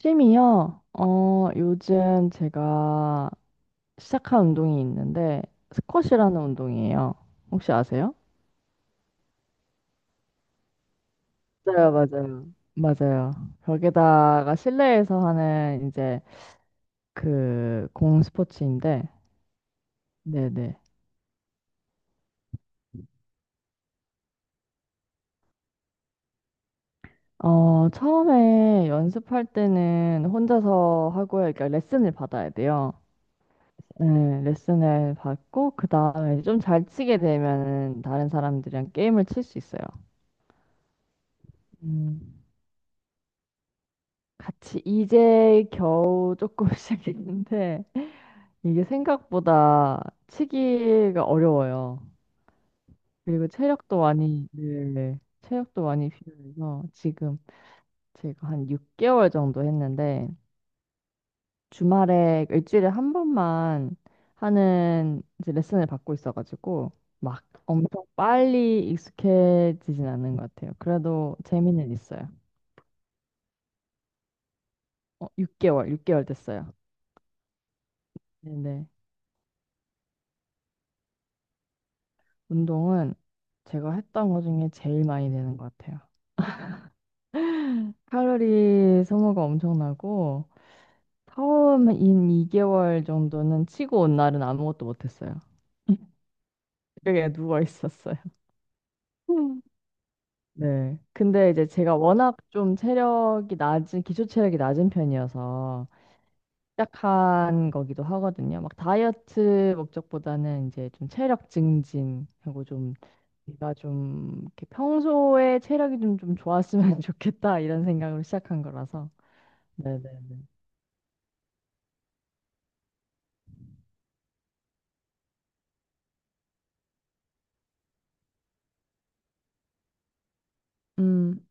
취미요? 요즘 제가 시작한 운동이 있는데, 스쿼시라는 운동이에요. 혹시 아세요? 맞아요, 맞아요. 맞아요. 거기다가 실내에서 하는 이제 그 공 스포츠인데, 네네. 처음에 연습할 때는 혼자서 하고요. 그러니까 레슨을 받아야 돼요. 네, 레슨을 받고, 그 다음에 좀 잘 치게 되면 다른 사람들이랑 게임을 칠 수 있어요. 음. 같이 이제 겨우 조금 시작했는데 이게 생각보다 치기가 어려워요. 그리고 체력도 많이, 네, 체력도 많이 필요해서 지금 제가 한 6개월 정도 했는데 주말에 일주일에 한 번만 하는 이제 레슨을 받고 있어가지고 막 엄청 빨리 익숙해지진 않는 것 같아요. 그래도 재미는 있어요. 6개월, 6개월 됐어요. 네네. 운동은 제가 했던 것 중에 제일 많이 되는 것 같아요. 칼로리 소모가 엄청나고 처음 인 2개월 정도는 치고 온 날은 아무것도 못했어요. 그냥 누워 있었어요. 음. 네. 근데 이제 제가 워낙 좀 체력이 낮은, 기초 체력이 낮은 편이어서 시작한 거기도 하거든요. 막 다이어트 목적보다는 이제 좀 체력 증진 하고 좀 내가 좀 이렇게 평소에 체력이 좀 좋았으면 좋겠다 이런 생각으로 시작한 거라서. 네네네. 음,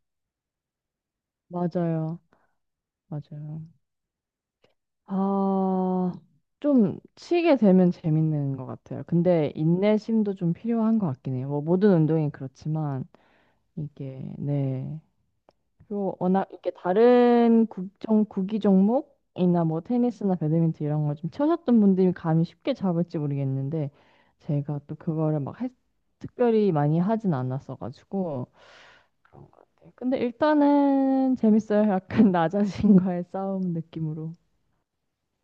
맞아요. 맞아요. 아, 좀 치게 되면 재밌는 것 같아요. 근데 인내심도 좀 필요한 것 같긴 해요. 뭐 모든 운동이 그렇지만 이게, 네. 그 워낙 이렇게 다른 국정 구기 종목이나 뭐 테니스나 배드민턴 이런 걸 좀 쳐셨던 분들이 감이 쉽게 잡을지 모르겠는데 제가 또 그거를 막 특별히 많이 하진 않았어가지고 그런 것 같아요. 근데 일단은 재밌어요. 약간 나 자신과의 싸움 느낌으로.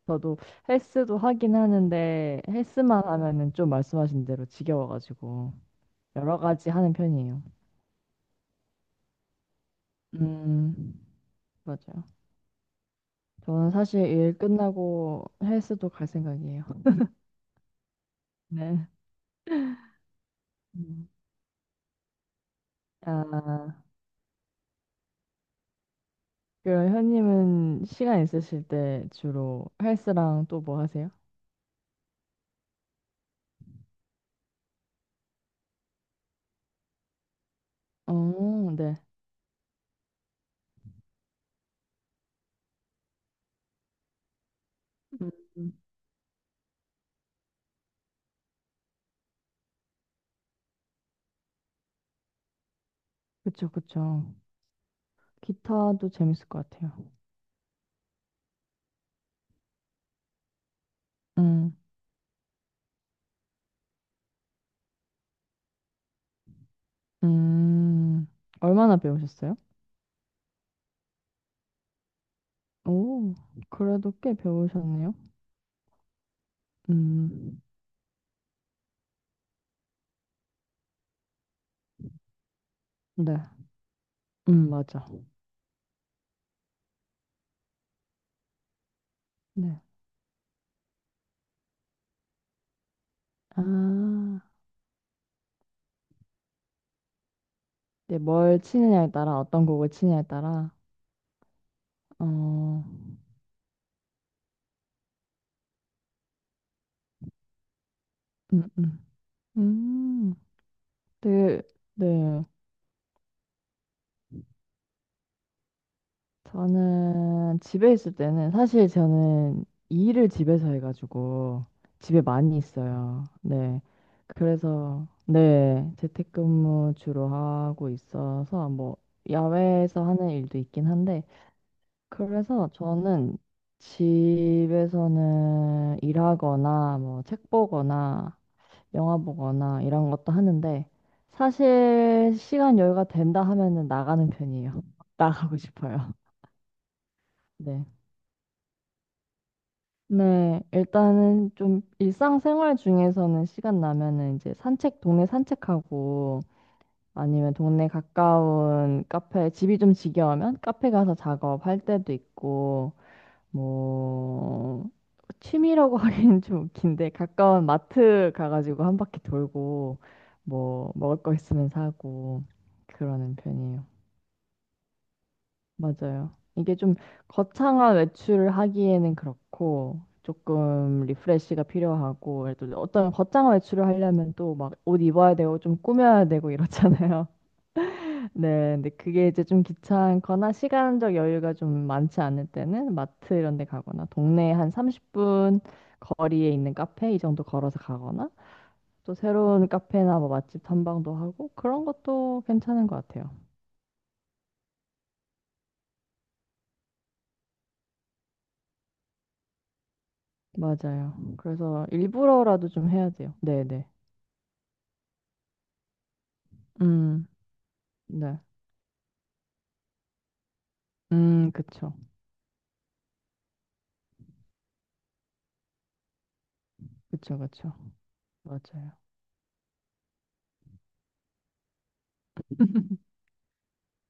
저도 헬스도 하긴 하는데 헬스만 하면은 좀 말씀하신 대로 지겨워가지고 여러 가지 하는 편이에요. 음, 맞아요. 저는 사실 일 끝나고 헬스도 갈 생각이에요. 네. 음. 아, 그럼 현님은 시간 있으실 때 주로 헬스랑 또 뭐 하세요? 어, 네. 음, 그쵸, 그쵸. 기타도 재밌을 것 같아요. 음, 음, 얼마나 배우셨어요? 오, 그래도 꽤 배우셨네요. 음, 네. 맞아. 네. 아, 네, 뭘 치느냐에 따라, 어떤 곡을 치느냐에 따라. 어, 음, 음. 음, 되게, 네. 저는 집에 있을 때는, 사실 저는 일을 집에서 해가지고 집에 많이 있어요. 네. 그래서, 네. 재택근무 주로 하고 있어서 뭐 야외에서 하는 일도 있긴 한데, 그래서 저는 집에서는 일하거나 뭐 책 보거나 영화 보거나 이런 것도 하는데 사실 시간 여유가 된다 하면은 나가는 편이에요. 나가고 싶어요. 네. 네, 일단은 좀 일상생활 중에서는 시간 나면은 이제 산책, 동네 산책하고 아니면 동네 가까운 카페, 집이 좀 지겨우면 카페 가서 작업할 때도 있고 뭐 취미라고 하기는 좀 웃긴데 가까운 마트 가가지고 한 바퀴 돌고 뭐 먹을 거 있으면 사고 그러는 편이에요. 맞아요. 이게 좀 거창한 외출을 하기에는 그렇고 조금 리프레시가 필요하고 또 어떤 거창한 외출을 하려면 또 막 옷 입어야 되고 좀 꾸며야 되고 이렇잖아요. 네, 근데 그게 이제 좀 귀찮거나 시간적 여유가 좀 많지 않을 때는 마트 이런 데 가거나 동네 한 30분 거리에 있는 카페 이 정도 걸어서 가거나 또 새로운 카페나 뭐 맛집 탐방도 하고 그런 것도 괜찮은 것 같아요. 맞아요. 그래서 일부러라도 좀 해야 돼요. 네, 네. 음, 네. 그쵸. 그쵸, 그쵸. 맞아요.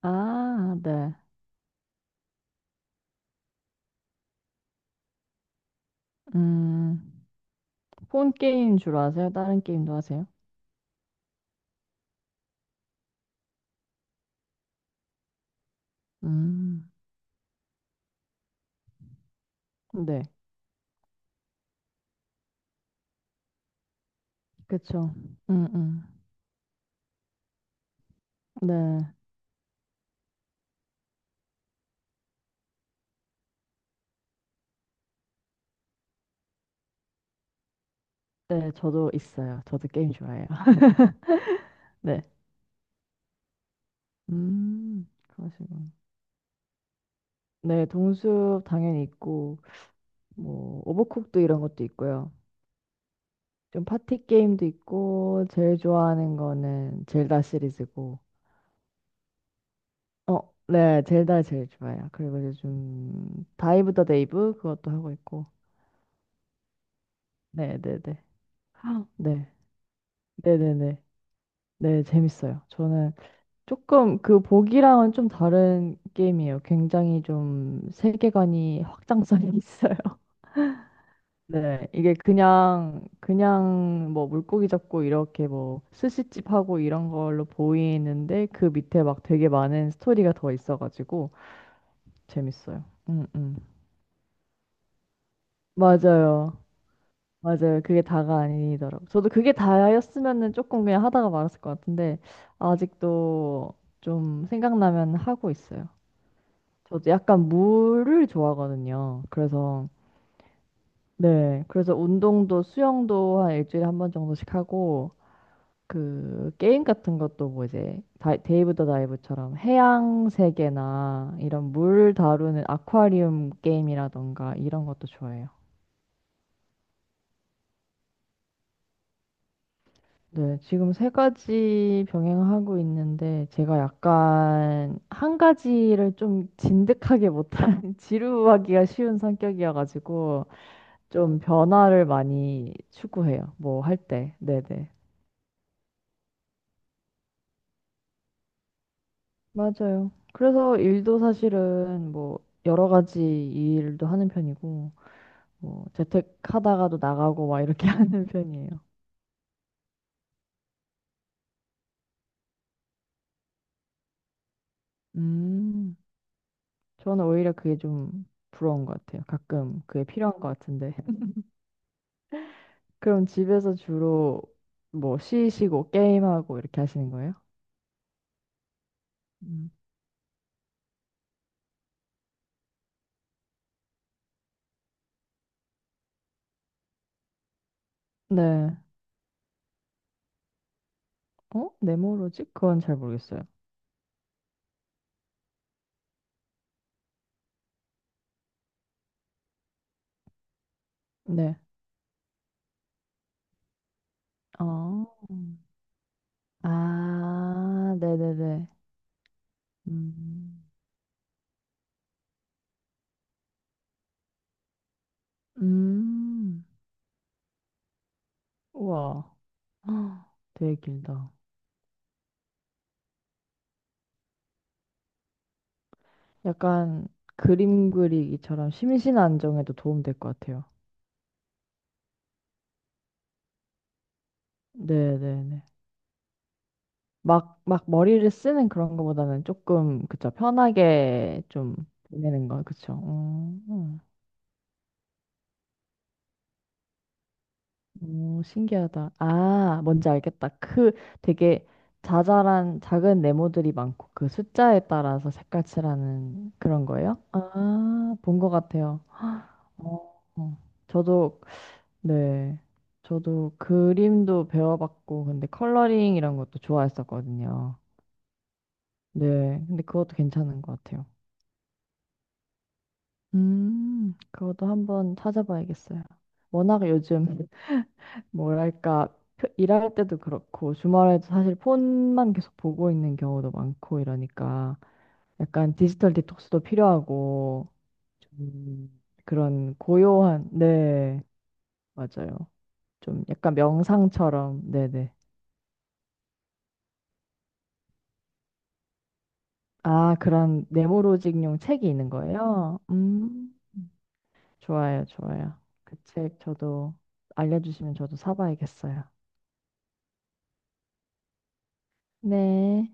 아, 네. 음, 폰 게임 주로 하세요? 다른 게임도 하세요? 음, 네. 그쵸. 음, 음. 네. 네, 저도 있어요. 저도 게임 좋아해요. 네. 그러시군. 네, 동숲 당연히 있고, 뭐, 오버쿡도 이런 것도 있고요. 좀 파티 게임도 있고, 제일 좋아하는 거는 젤다 시리즈고. 어, 네, 젤다 제일 좋아요. 그리고 요즘 다이브 더 데이브 그것도 하고 있고. 네, 네, 네. 네, 네, 네, 네, 네. 네, 재밌어요. 저는 조금, 그 보기랑은 좀 다른 게임이에요. 굉장히 좀 세계관이 확장성이 있어요. 네, 이게 그냥 뭐 물고기 잡고 이렇게 뭐 스시집 하고 이런 걸로 보이는데 그 밑에 막 되게 많은 스토리가 더 있어가지고 재밌어요. 맞아요. 맞아요. 그게 다가 아니더라고. 저도 그게 다였으면은 조금 그냥 하다가 말았을 것 같은데 아직도 좀 생각나면 하고 있어요. 저도 약간 물을 좋아하거든요. 그래서, 네. 그래서 운동도 수영도 한 일주일에 한 번 정도씩 하고, 그, 게임 같은 것도 뭐 이제, 다, 데이브 더 다이브처럼 해양 세계나 이런 물 다루는 아쿠아리움 게임이라던가 이런 것도 좋아해요. 네. 지금 세 가지 병행하고 있는데, 제가 약간 한 가지를 좀 진득하게 못하는, 지루하기가 쉬운 성격이어가지고, 좀 변화를 많이 추구해요. 뭐 할 때. 네네. 맞아요. 그래서 일도 사실은 뭐 여러 가지 일도 하는 편이고, 뭐 재택하다가도 나가고 막 이렇게 하는 편이에요. 음, 저는 오히려 그게 좀 부러운 것 같아요. 가끔 그게 필요한 것 같은데. 그럼 집에서 주로 뭐 쉬시고 게임하고 이렇게 하시는 거예요? 음. 네. 어? 네모로직? 그건 잘 모르겠어요. 네. 아. 아, 네네네. 음, 음, 우와. 헉, 되게 길다. 약간 그림 그리기처럼 심신 안정에도 도움 될 것 같아요. 네네네. 막 머리를 쓰는 그런 거보다는 조금, 그쵸, 편하게 좀 보내는 거, 그쵸. 오, 신기하다. 아, 뭔지 알겠다. 그 되게 자잘한 작은 네모들이 많고 그 숫자에 따라서 색깔 칠하는 그런 거예요? 아, 본 것 같아요. 어, 어. 저도, 네. 저도 그림도 배워봤고, 근데 컬러링 이런 것도 좋아했었거든요. 네. 근데 그것도 괜찮은 것 같아요. 그것도 한번 찾아봐야겠어요. 워낙 요즘 뭐랄까, 일할 때도 그렇고, 주말에도 사실 폰만 계속 보고 있는 경우도 많고 이러니까, 약간 디지털 디톡스도 필요하고, 좀 그런 고요한, 네, 맞아요. 좀 약간 명상처럼, 네네. 아, 그런 네모로직용 책이 있는 거예요? 좋아요, 좋아요. 그 책 저도 알려주시면 저도 사봐야겠어요. 네.